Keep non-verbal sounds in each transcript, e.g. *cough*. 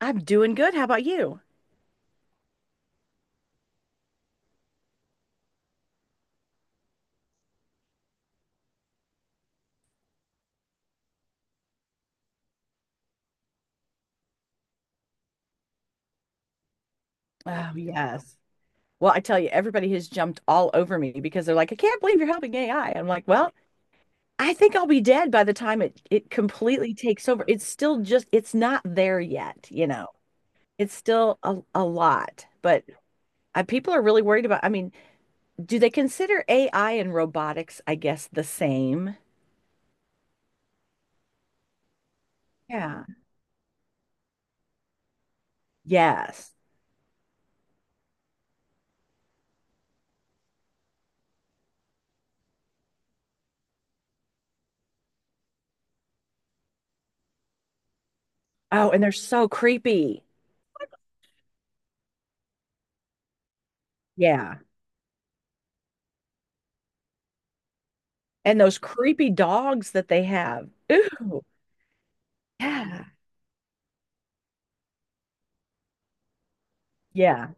I'm doing good. How about you? Oh, yes. Well, I tell you, everybody has jumped all over me because they're like, I can't believe you're helping AI. I'm like, well, I think I'll be dead by the time it completely takes over. It's still just, it's not there yet, It's still a lot, but people are really worried about, I mean, do they consider AI and robotics, I guess, the same? Yeah. Yes. Oh, and they're so creepy. Yeah. And those creepy dogs that they have. Ooh. Yeah. Yeah,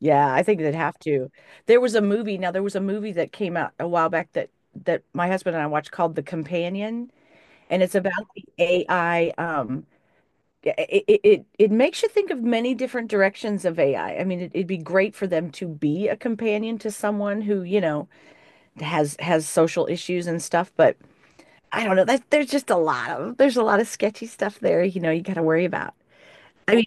Yeah, I think they'd have to. There was a movie, that came out a while back that my husband and I watched called The Companion, and it's about the AI. Yeah, it makes you think of many different directions of AI. I mean, it, it'd be great for them to be a companion to someone who, you know, has social issues and stuff, but I don't know. That there's just a lot of there's a lot of sketchy stuff there, you know, you got to worry about. I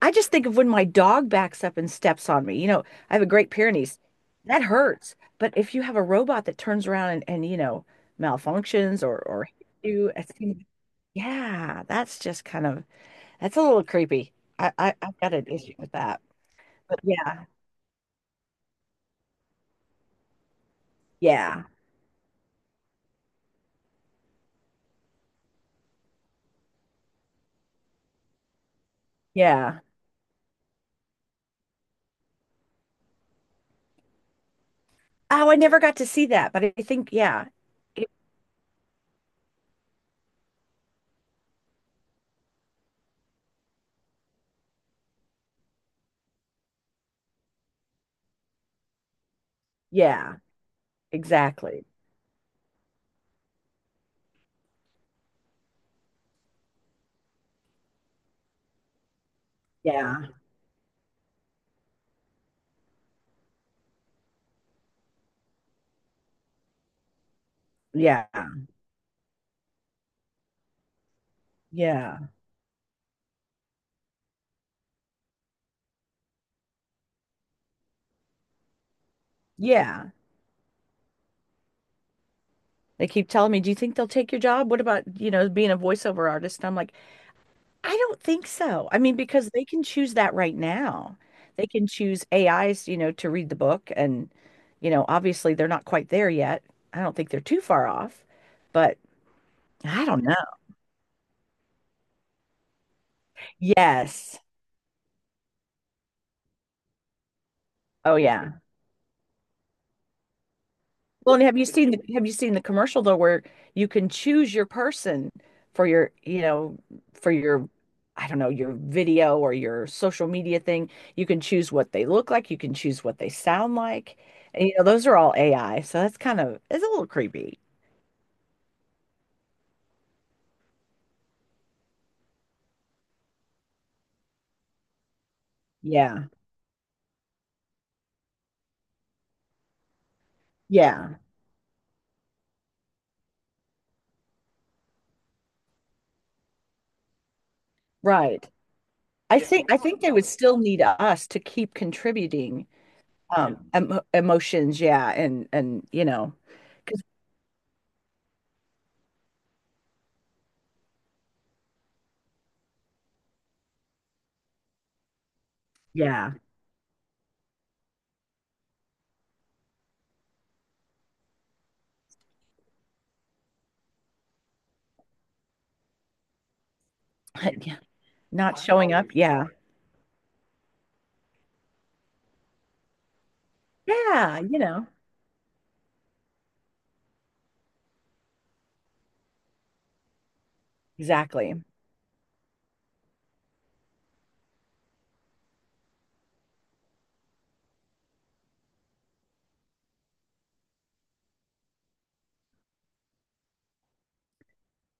I just think of when my dog backs up and steps on me. You know, I have a Great Pyrenees. That hurts. But if you have a robot that turns around and, you know, malfunctions or hits you, it seems, yeah, that's just kind of that's a little creepy. I've got an issue with that. But yeah, yeah, yeah. Oh, I never got to see that, but I think yeah, it, yeah, exactly. Yeah, yeah, yeah, yeah. They keep telling me, "Do you think they'll take your job? What about, you know, being a voiceover artist?" And I'm like, "I don't think so." I mean, because they can choose that right now. They can choose AIs, you know, to read the book and, you know, obviously they're not quite there yet. I don't think they're too far off, but I don't know. Yes. Oh yeah. Well, and have you seen the commercial though where you can choose your person for your, you know, for your I don't know, your video or your social media thing. You can choose what they look like, you can choose what they sound like. And you know, those are all AI, so that's kind of it's a little creepy. Yeah. Yeah. Right. I think they would still need us to keep contributing emotions, yeah, and you know, 'cause yeah, *laughs* yeah, not showing up, yeah. Yeah, you know, exactly.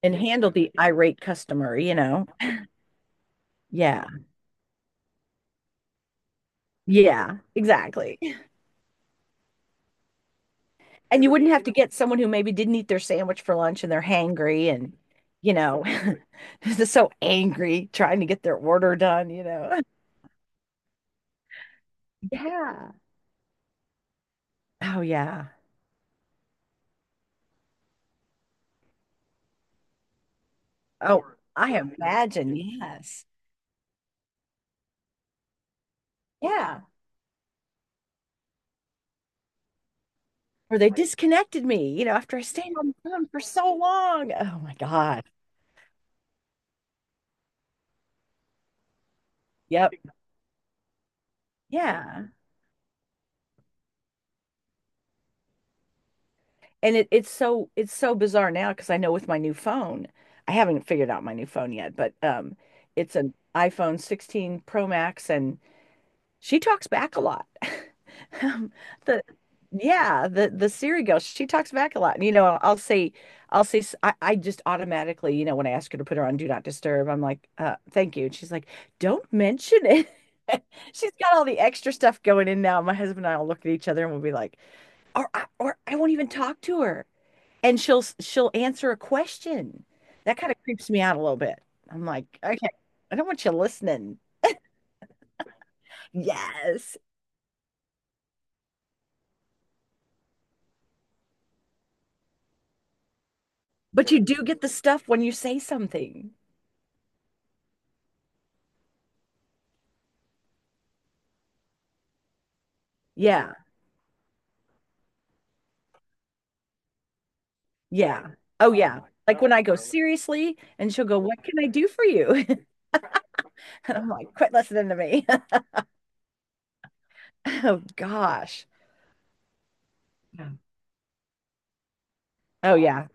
And handle the irate customer, you know. Yeah, yeah, exactly. And you wouldn't have to get someone who maybe didn't eat their sandwich for lunch and they're hangry and, you know, *laughs* they're so angry trying to get their order done, you know. Yeah. Oh, yeah. Oh, I imagine. Yes. Yeah. Or they disconnected me, you know, after I stayed on the phone for so long. Oh, my God. Yep. Yeah. And it's so it's so bizarre now because I know with my new phone, I haven't figured out my new phone yet, but it's an iPhone 16 Pro Max, and she talks back a lot. *laughs* Um, the yeah, the Siri girl, she talks back a lot, and you know, I'll say, s- I just automatically, you know, when I ask her to put her on Do Not Disturb, I'm like, thank you, and she's like, don't mention it. *laughs* She's got all the extra stuff going in now. My husband and I will look at each other and we'll be like, or I won't even talk to her and she'll answer a question. That kind of creeps me out a little bit. I'm like, okay, I don't want you listening. Yes, but you do get the stuff when you say something. Yeah, yeah. Oh yeah. Like when I go seriously, and she'll go, "What can I do for you?" *laughs* And I'm like, "Quit listening to me." *laughs* Oh gosh. Yeah. Oh yeah.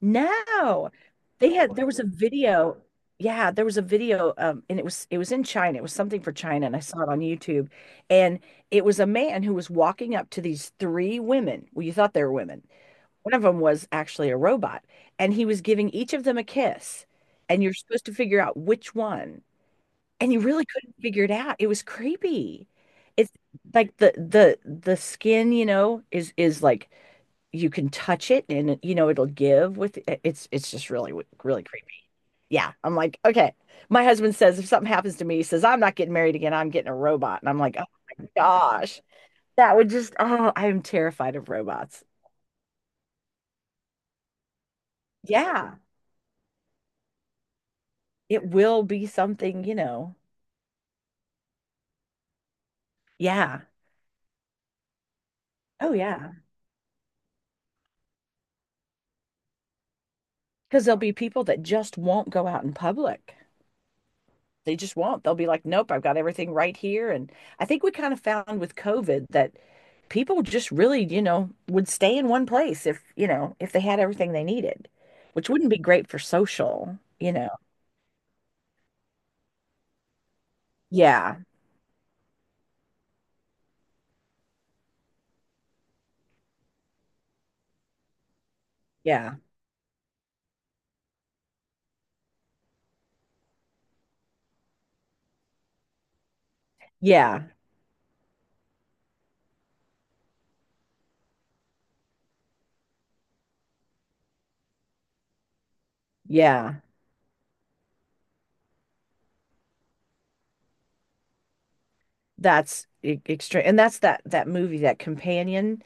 No. They had there was a video. Yeah, there was a video, and it was in China. It was something for China and I saw it on YouTube. And it was a man who was walking up to these three women. Well, you thought they were women. One of them was actually a robot and he was giving each of them a kiss and you're supposed to figure out which one. And you really couldn't figure it out. It was creepy. It's like the skin, you know, is like you can touch it and you know it'll give with it's just really creepy. Yeah, I'm like, okay. My husband says if something happens to me, he says I'm not getting married again. I'm getting a robot, and I'm like, oh my gosh, that would just oh, I am terrified of robots. Yeah, it will be something, you know. Yeah. Oh yeah, because there'll be people that just won't go out in public. They just won't. They'll be like, nope, I've got everything right here. And I think we kind of found with COVID that people just really, you know, would stay in one place if, you know, if they had everything they needed, which wouldn't be great for social, you know. Yeah. Yeah. Yeah. Yeah. That's extreme. And that's that movie, that companion.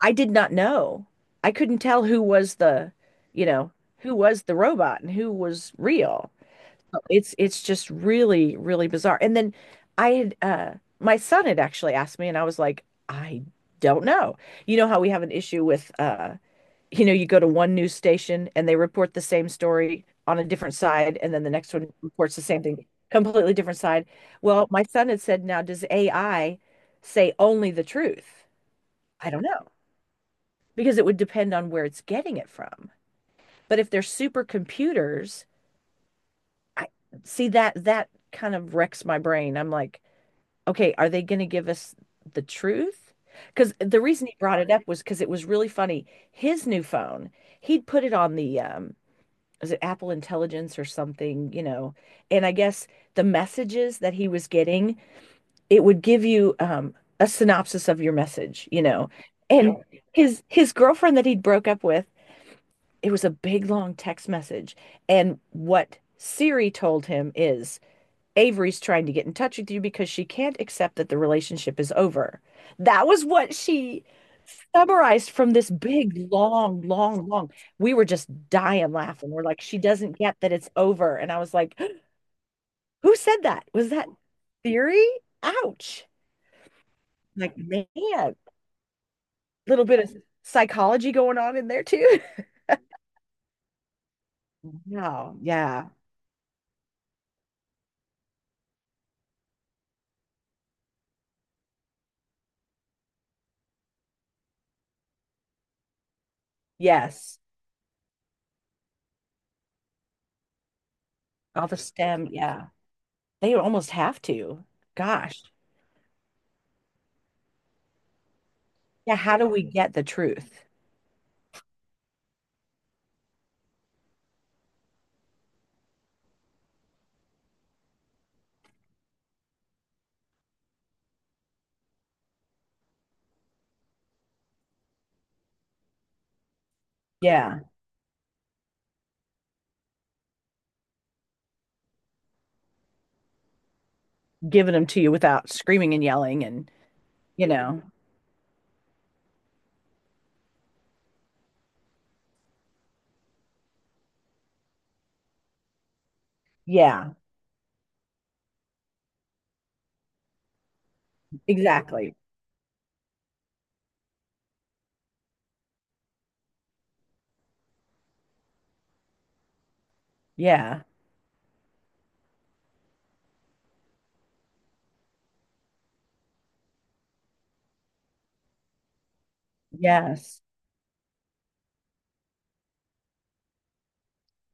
I did not know. I couldn't tell who was the, you know, who was the robot and who was real. It's just really, really bizarre. And then I had, my son had actually asked me and I was like, I don't know. You know how we have an issue with you know you go to one news station and they report the same story on a different side and then the next one reports the same thing, completely different side. Well, my son had said, now does AI say only the truth? I don't know because it would depend on where it's getting it from. But if they're supercomputers, I see that that kind of wrecks my brain. I'm like, okay, are they going to give us the truth? Because the reason he brought it up was because it was really funny. His new phone, he'd put it on the, was it Apple Intelligence or something, you know? And I guess the messages that he was getting, it would give you a synopsis of your message, you know? And yeah, his girlfriend that he'd broke up with, it was a big long text message. And what Siri told him is, Avery's trying to get in touch with you because she can't accept that the relationship is over. That was what she summarized from this big, long, long. We were just dying laughing. We're like, she doesn't get that it's over. And I was like, *gasps* who said that? Was that theory? Ouch. Like, man, a little bit of psychology going on in there too. *laughs* No, yeah. Yes. All the STEM. Yeah. They almost have to. Gosh. Yeah. How do we get the truth? Yeah, giving them to you without screaming and yelling and you know. Yeah, exactly. Yeah. Yes,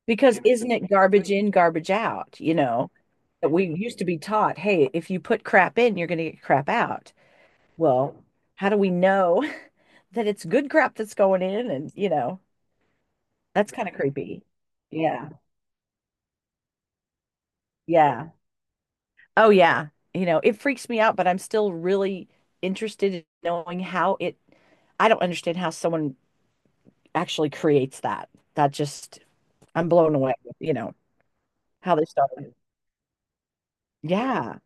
because isn't it garbage in garbage out, you know, that we used to be taught, hey, if you put crap in, you're going to get crap out. Well, how do we know *laughs* that it's good crap that's going in, and you know, that's kind of creepy. Yeah. Yeah. Oh yeah, you know it freaks me out but I'm still really interested in knowing how it I don't understand how someone actually creates that. That just I'm blown away with, you know, how they started. Yeah.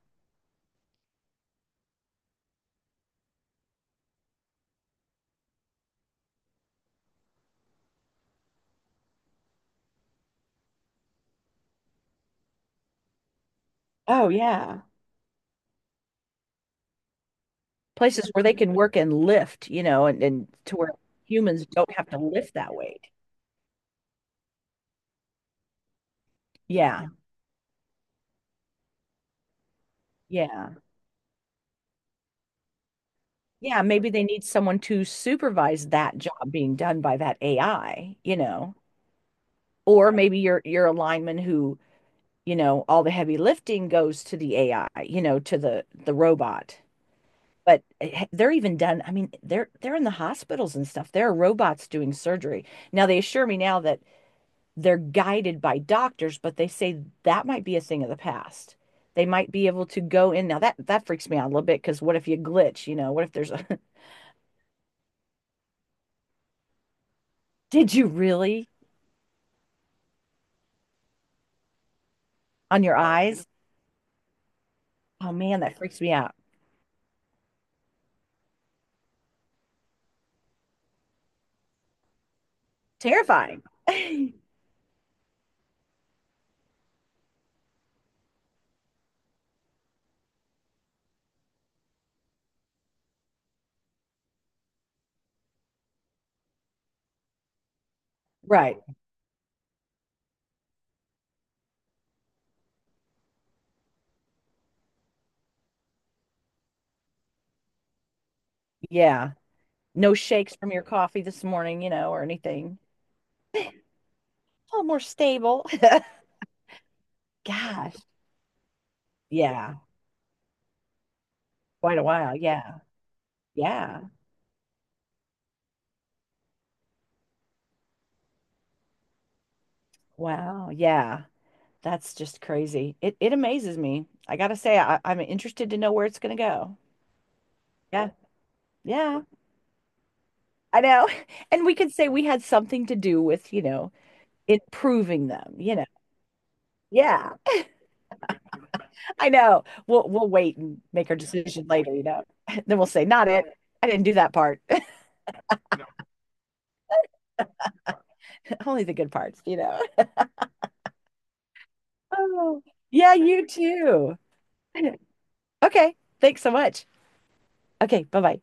Oh yeah. Places where they can work and lift, you know, and, to where humans don't have to lift that weight. Yeah. Yeah. Yeah. Maybe they need someone to supervise that job being done by that AI, you know. Or maybe you're a lineman who, you know, all the heavy lifting goes to the AI, you know, to the robot. But eh, they're even done. I mean, they're in the hospitals and stuff. There are robots doing surgery. Now they assure me now that they're guided by doctors, but they say that might be a thing of the past. They might be able to go in. Now that freaks me out a little bit because what if you glitch? You know, what if there's a *laughs* did you really on your eyes? Oh man, that freaks me out. Terrifying. *laughs* Right. Yeah. No shakes from your coffee this morning, you know, or anything. A little more stable. *laughs* Gosh. Yeah. Quite a while. Yeah. Yeah. Wow. Yeah. That's just crazy. It amazes me. I gotta say, I'm interested to know where it's gonna go. Yeah. Yeah. I know. *laughs* And we could say we had something to do with, you know, improving them, you know. Yeah. I know. We'll wait and make our decision later, you know. *laughs* Then we'll say, not it. I didn't do that part. *laughs* Only the good parts, you know. *laughs* Oh, yeah, you too. *laughs* Okay. Thanks so much. Okay, bye-bye.